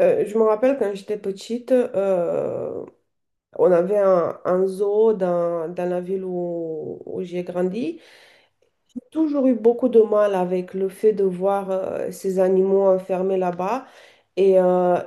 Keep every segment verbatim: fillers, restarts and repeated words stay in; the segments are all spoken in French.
Euh, je me rappelle quand j'étais petite, euh, on avait un, un zoo dans, dans la ville où, où j'ai grandi. J'ai toujours eu beaucoup de mal avec le fait de voir euh, ces animaux enfermés là-bas. Et euh,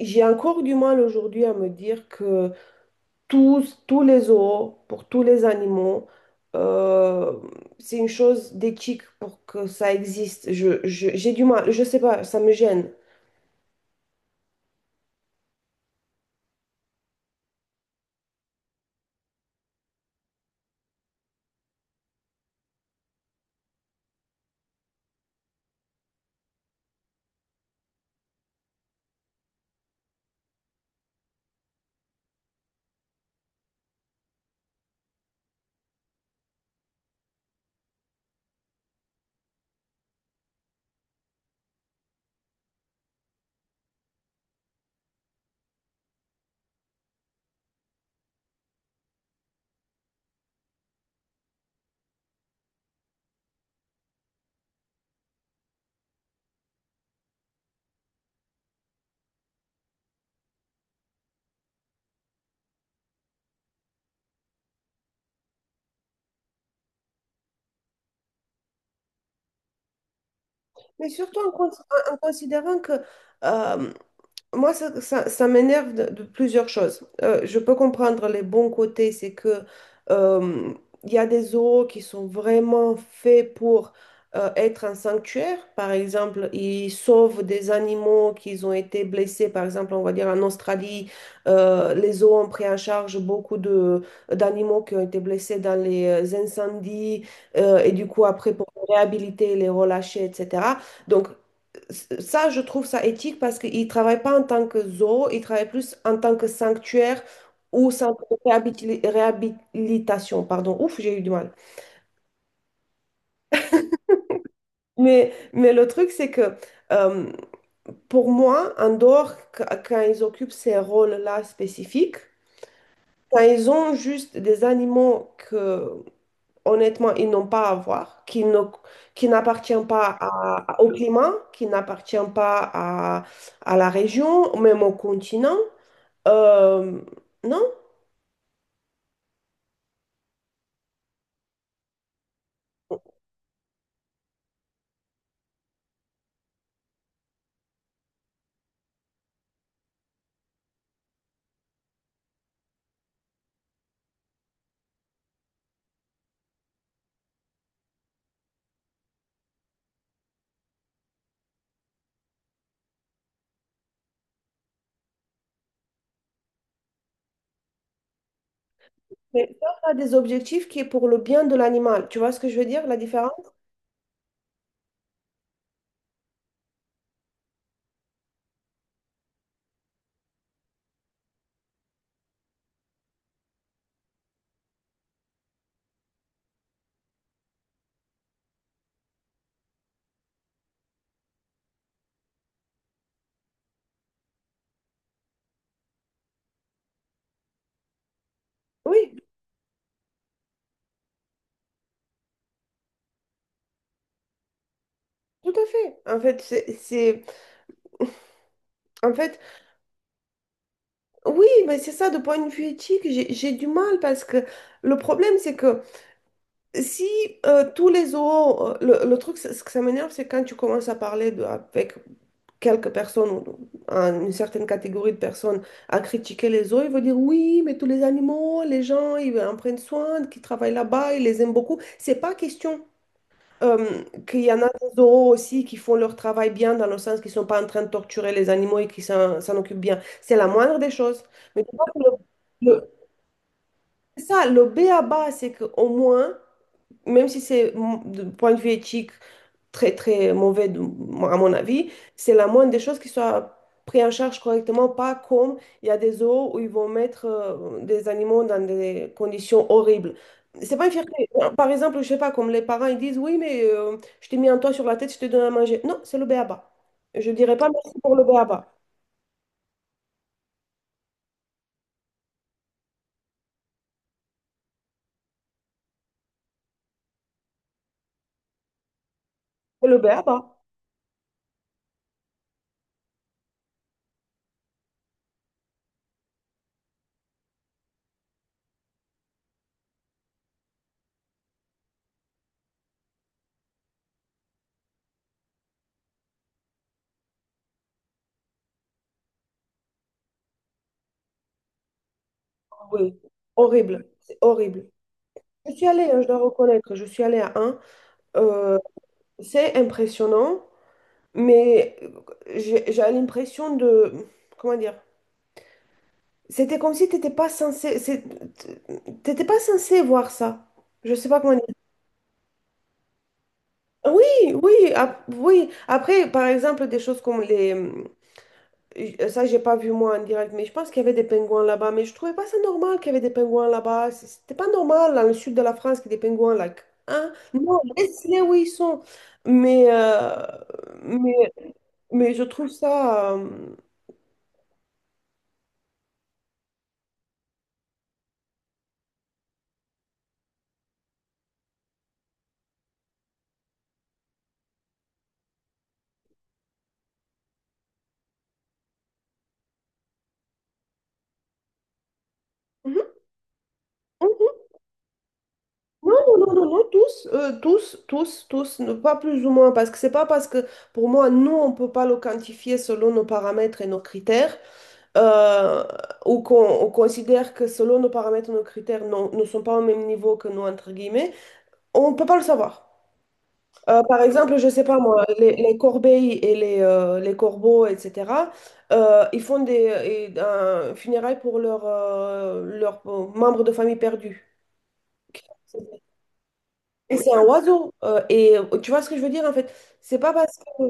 j'ai encore du mal aujourd'hui à me dire que tous, tous les zoos, pour tous les animaux, euh, c'est une chose d'éthique pour que ça existe. Je, je- j'ai du mal, je sais pas, ça me gêne. Mais surtout en cons- en considérant que... euh, Moi, ça, ça- ça m'énerve de, de plusieurs choses. Euh, je peux comprendre les bons côtés, c'est que euh, il y a des zoos qui sont vraiment faits pour euh, être un sanctuaire. Par exemple, ils sauvent des animaux qui ont été blessés. Par exemple, on va dire en Australie, euh, les zoos ont pris en charge beaucoup de d'animaux qui ont été blessés dans les euh, incendies euh, et du coup après pour les réhabiliter, les relâcher, et cetera. Donc ça, je trouve ça éthique parce qu'ils ne travaillent pas en tant que zoo, ils travaillent plus en tant que sanctuaire ou centre de réhabili- réhabilitation. Pardon, ouf, j'ai eu du mal. Mais, mais le truc, c'est que euh, pour moi, en dehors, qu- quand ils occupent ces rôles-là spécifiques, quand ils ont juste des animaux que, honnêtement, ils n'ont pas à voir, qui ne, qui n'appartiennent pas à- au climat, qui n'appartiennent pas à à la région, même au continent. Euh, non, mais ça ça a des objectifs qui est pour le bien de l'animal. Tu vois ce que je veux dire, la différence? Oui, tout à fait. En fait, c'est, c'est- en fait, oui, mais c'est ça, de point de vue éthique, j'ai, j'ai du mal parce que le problème, c'est que si euh, tous les zoos, euh, le, le truc, c'est- ce que ça m'énerve, c'est quand tu commences à parler de- avec quelques personnes, ou un- une certaine catégorie de personnes, à critiquer les zoos, ils vont dire oui, mais tous les animaux, les gens, ils en prennent soin, qui travaillent là-bas, ils les aiment beaucoup. C'est pas question. Euh, qu'il y en a des oraux aussi qui font leur travail bien, dans le sens qu'ils ne sont pas en train de torturer les animaux et qui s'en s'en occupent bien. C'est la moindre des choses. Mais tu vois que le, le- c'est ça, le béaba, c'est qu'au moins, même si c'est mm, de point de vue éthique très très mauvais de- à mon avis, c'est la moindre des choses qui soit pris en charge correctement, pas comme il y a des zoos où ils vont mettre euh, des animaux dans des conditions horribles. C'est pas une fierté. Euh, Par exemple, je sais pas, comme les parents ils disent, oui, mais euh, je t'ai mis un toit sur la tête, je te donne à manger. Non, c'est le béaba. Je dirais pas merci pour le béaba. Hello Beaba. Oui, horrible, c'est horrible. Je suis allée, hein, je dois reconnaître, je suis allée à un. Euh, c'est impressionnant, mais j'ai j'ai l'impression de... Comment dire? C'était comme si tu n'étais pas censé... c'est- T'étais pas censé voir ça. Je sais pas comment dire. Oui, oui, ap- oui. Après, par exemple, des choses comme les... euh, Ça, j'ai pas vu moi en direct, mais je pense qu'il y avait des pingouins là-bas. Mais je trouvais pas ça normal qu'il y avait des pingouins là-bas. C- C'était pas normal dans le sud de la France qu'il y ait des pingouins là. Hein? Non, laisse-les où ils sont. Mais, euh, mais, mais je trouve ça... euh, mhm, mhm. Non, non, non, non, non, tous, euh, tous, tous, tous, ne- pas plus ou moins, parce que c'est pas parce que, pour moi, nous, on peut pas le quantifier selon nos paramètres et nos critères. euh, ou qu'on on considère que selon nos paramètres, nos critères non- ne sont pas au même niveau que nous, entre guillemets, on ne peut pas le savoir. Euh, par exemple, je ne sais pas moi, les, les corbeilles et les, euh, les corbeaux, et cetera, euh, ils font des, euh, et- un funérailles pour leurs euh, leurs, euh, membres de famille perdus. Et c'est un oiseau. euh, et tu vois ce que je veux dire, en fait? C'est pas parce que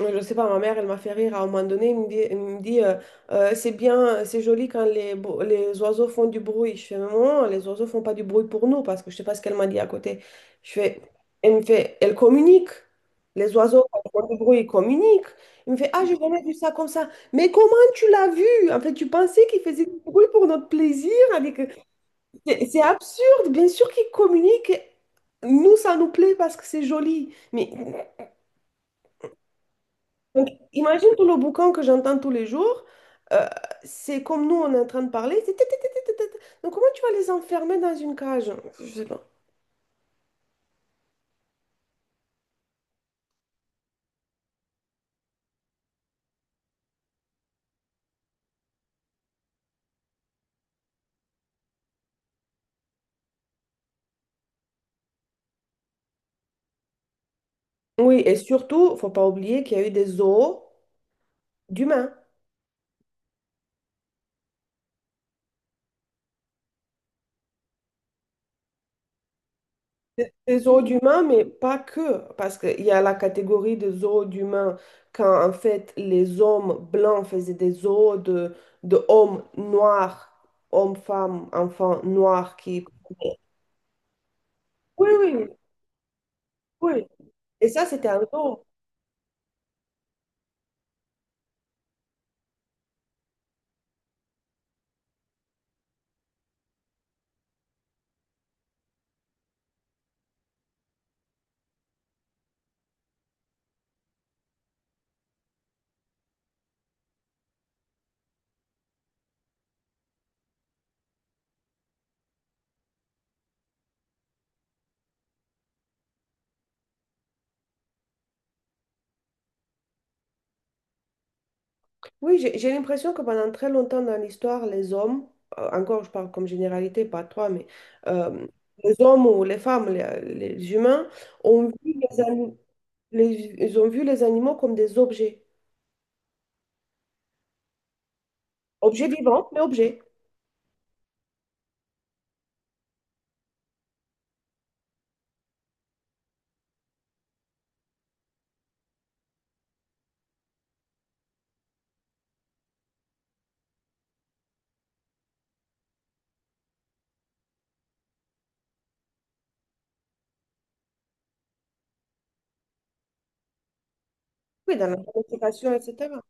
Je sais pas, ma mère, elle m'a fait rire à un moment donné. Elle me dit, elle me dit, euh, Euh, c'est bien, c'est joli quand les, bou- les oiseaux font du bruit. Je fais, maman, les oiseaux font pas du bruit pour nous parce que je sais pas ce qu'elle m'a dit à côté. Je fais, elle me fait, elle communique. Les oiseaux, quand ils font du bruit, ils communiquent. Il me fait, ah, j'ai jamais vu ça comme ça. Mais comment tu l'as vu? En fait, tu pensais qu'ils faisaient du bruit pour notre plaisir? Avec... C'est c'est absurde. Bien sûr qu'ils communiquent. Nous, ça nous plaît parce que c'est joli. Mais donc, imagine tout le boucan que j'entends tous les jours. euh, c'est comme nous, on est en train de parler. C'est tut, tut, tut, tut, tut. Donc, comment tu vas les enfermer dans une cage? Je sais pas. Oui, et surtout, faut pas oublier qu'il y a eu des zoos d'humains. Des zoos d'humains, mais pas que. Parce qu'il y a la catégorie des zoos d'humains quand, en fait, les hommes blancs faisaient des zoos de, de hommes noirs, hommes, femmes, enfants noirs qui... Oui, oui, oui. Et ça, c'était un zoo. Oui, j'ai j'ai l'impression que pendant très longtemps dans l'histoire, les hommes, euh, encore je parle comme généralité, pas toi, mais euh, les hommes ou les femmes, les, les humains, ont vu les, ani- les- ils ont vu les animaux comme des objets. Objets vivants, mais objets. Oui, dans la domestication, et cetera.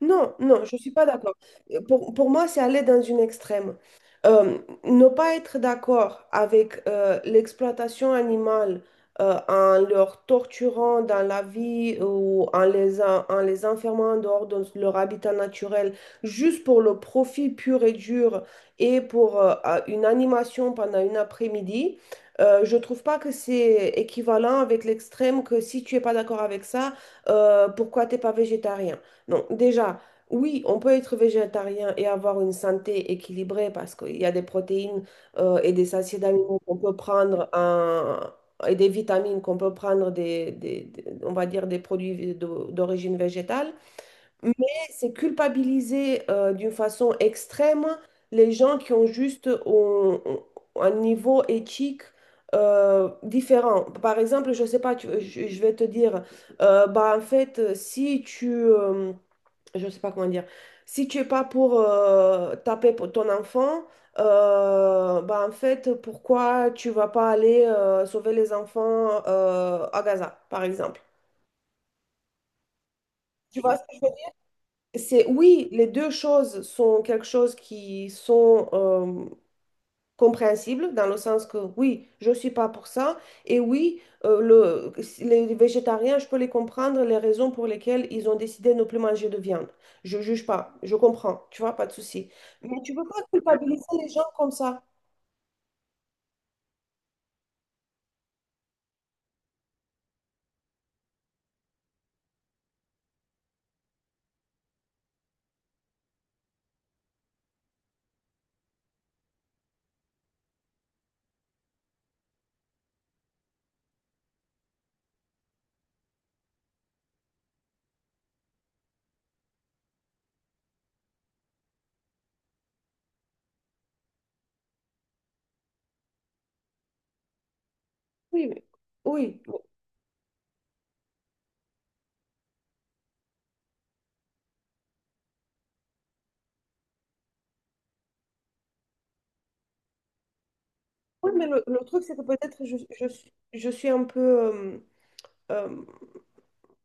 Non, non, je ne suis pas d'accord. Euh, Pour, pour moi, c'est aller dans une extrême. Euh, Ne pas être d'accord avec euh, l'exploitation animale euh, en leur torturant dans la vie ou en les, en, en les enfermant en dehors de leur habitat naturel, juste pour le profit pur et dur et pour euh, à- une animation pendant une après-midi, euh, je trouve pas que c'est équivalent avec l'extrême que si tu es pas d'accord avec ça, euh, pourquoi t'es pas végétarien? Non, déjà, oui, on peut être végétarien et avoir une santé équilibrée parce qu'il y a des protéines euh, et des acides aminés qu'on peut prendre en- et des vitamines qu'on peut prendre des, des- des- on va dire des produits d'o- d'origine végétale. Mais c'est culpabiliser euh, d'une façon extrême les gens qui ont juste un, un niveau éthique euh, différent. Par exemple, je sais pas, tu- je, je vais te dire, euh, bah en fait, si tu euh, je ne sais pas comment dire, si tu es pas pour euh, taper pour ton enfant, euh, bah en fait, pourquoi tu vas pas aller euh, sauver les enfants euh, à Gaza, par exemple? Tu vois, c'est oui, les deux choses sont quelque chose qui sont euh, compréhensible dans le sens que oui, je ne suis pas pour ça et oui, euh, le, les végétariens, je peux les comprendre, les raisons pour lesquelles ils ont décidé de ne plus manger de viande. Je juge pas, je comprends, tu vois, pas de souci. Mais tu peux pas culpabiliser les gens comme ça. Oui, mais, oui, mais- oui, mais le, le truc, c'est que peut-être je, je, suis je suis un peu... euh, euh,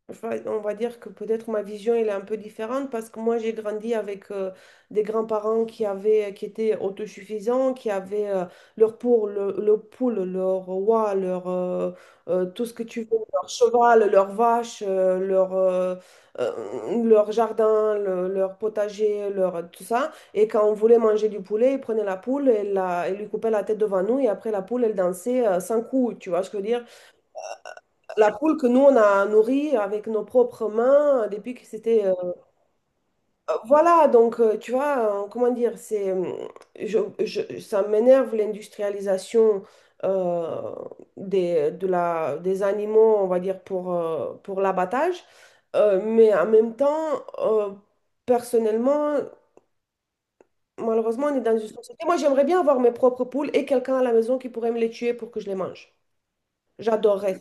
Enfin, on va dire que peut-être ma vision elle est un peu différente parce que moi j'ai grandi avec euh, des grands-parents qui avaient qui étaient autosuffisants, qui avaient euh, leur pour le, leur poule, leur oie, leur euh, euh, tout ce que tu veux, leur cheval, leur vache, euh, leur euh, euh, leur jardin, le- leur potager, leur tout ça. Et quand on voulait manger du poulet, ils prenaient la poule et la, ils lui coupaient la tête devant nous et après la poule elle dansait euh, sans coups, tu vois ce que je veux dire? La poule que nous, on a nourrie avec nos propres mains euh, depuis que c'était... euh, euh, Voilà, donc, euh, tu vois, euh, comment dire, c'est... euh, je- je- ça m'énerve l'industrialisation euh, des, de la, des animaux, on va dire, pour, euh, pour l'abattage. Euh, mais en même temps, euh, personnellement, malheureusement, on est dans une société... Moi, j'aimerais bien avoir mes propres poules et quelqu'un à la maison qui pourrait me les tuer pour que je les mange. J'adorerais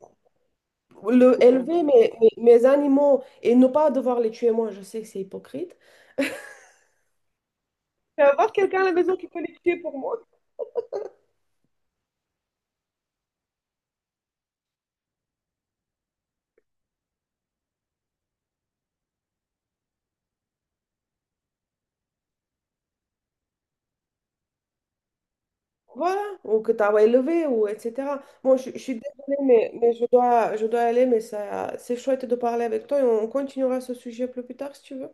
le, Euh, élever mes, mes, mes animaux et ne pas devoir les tuer moi, je sais que c'est hypocrite. Je vais avoir quelqu'un à la maison qui peut les tuer pour moi. Voilà, ou que tu as élevé, ou et cetera. Bon, je, je suis désolée, mais, mais je dois, je dois aller, mais ça, c'est chouette de parler avec toi et on continuera ce sujet plus plus tard si tu veux.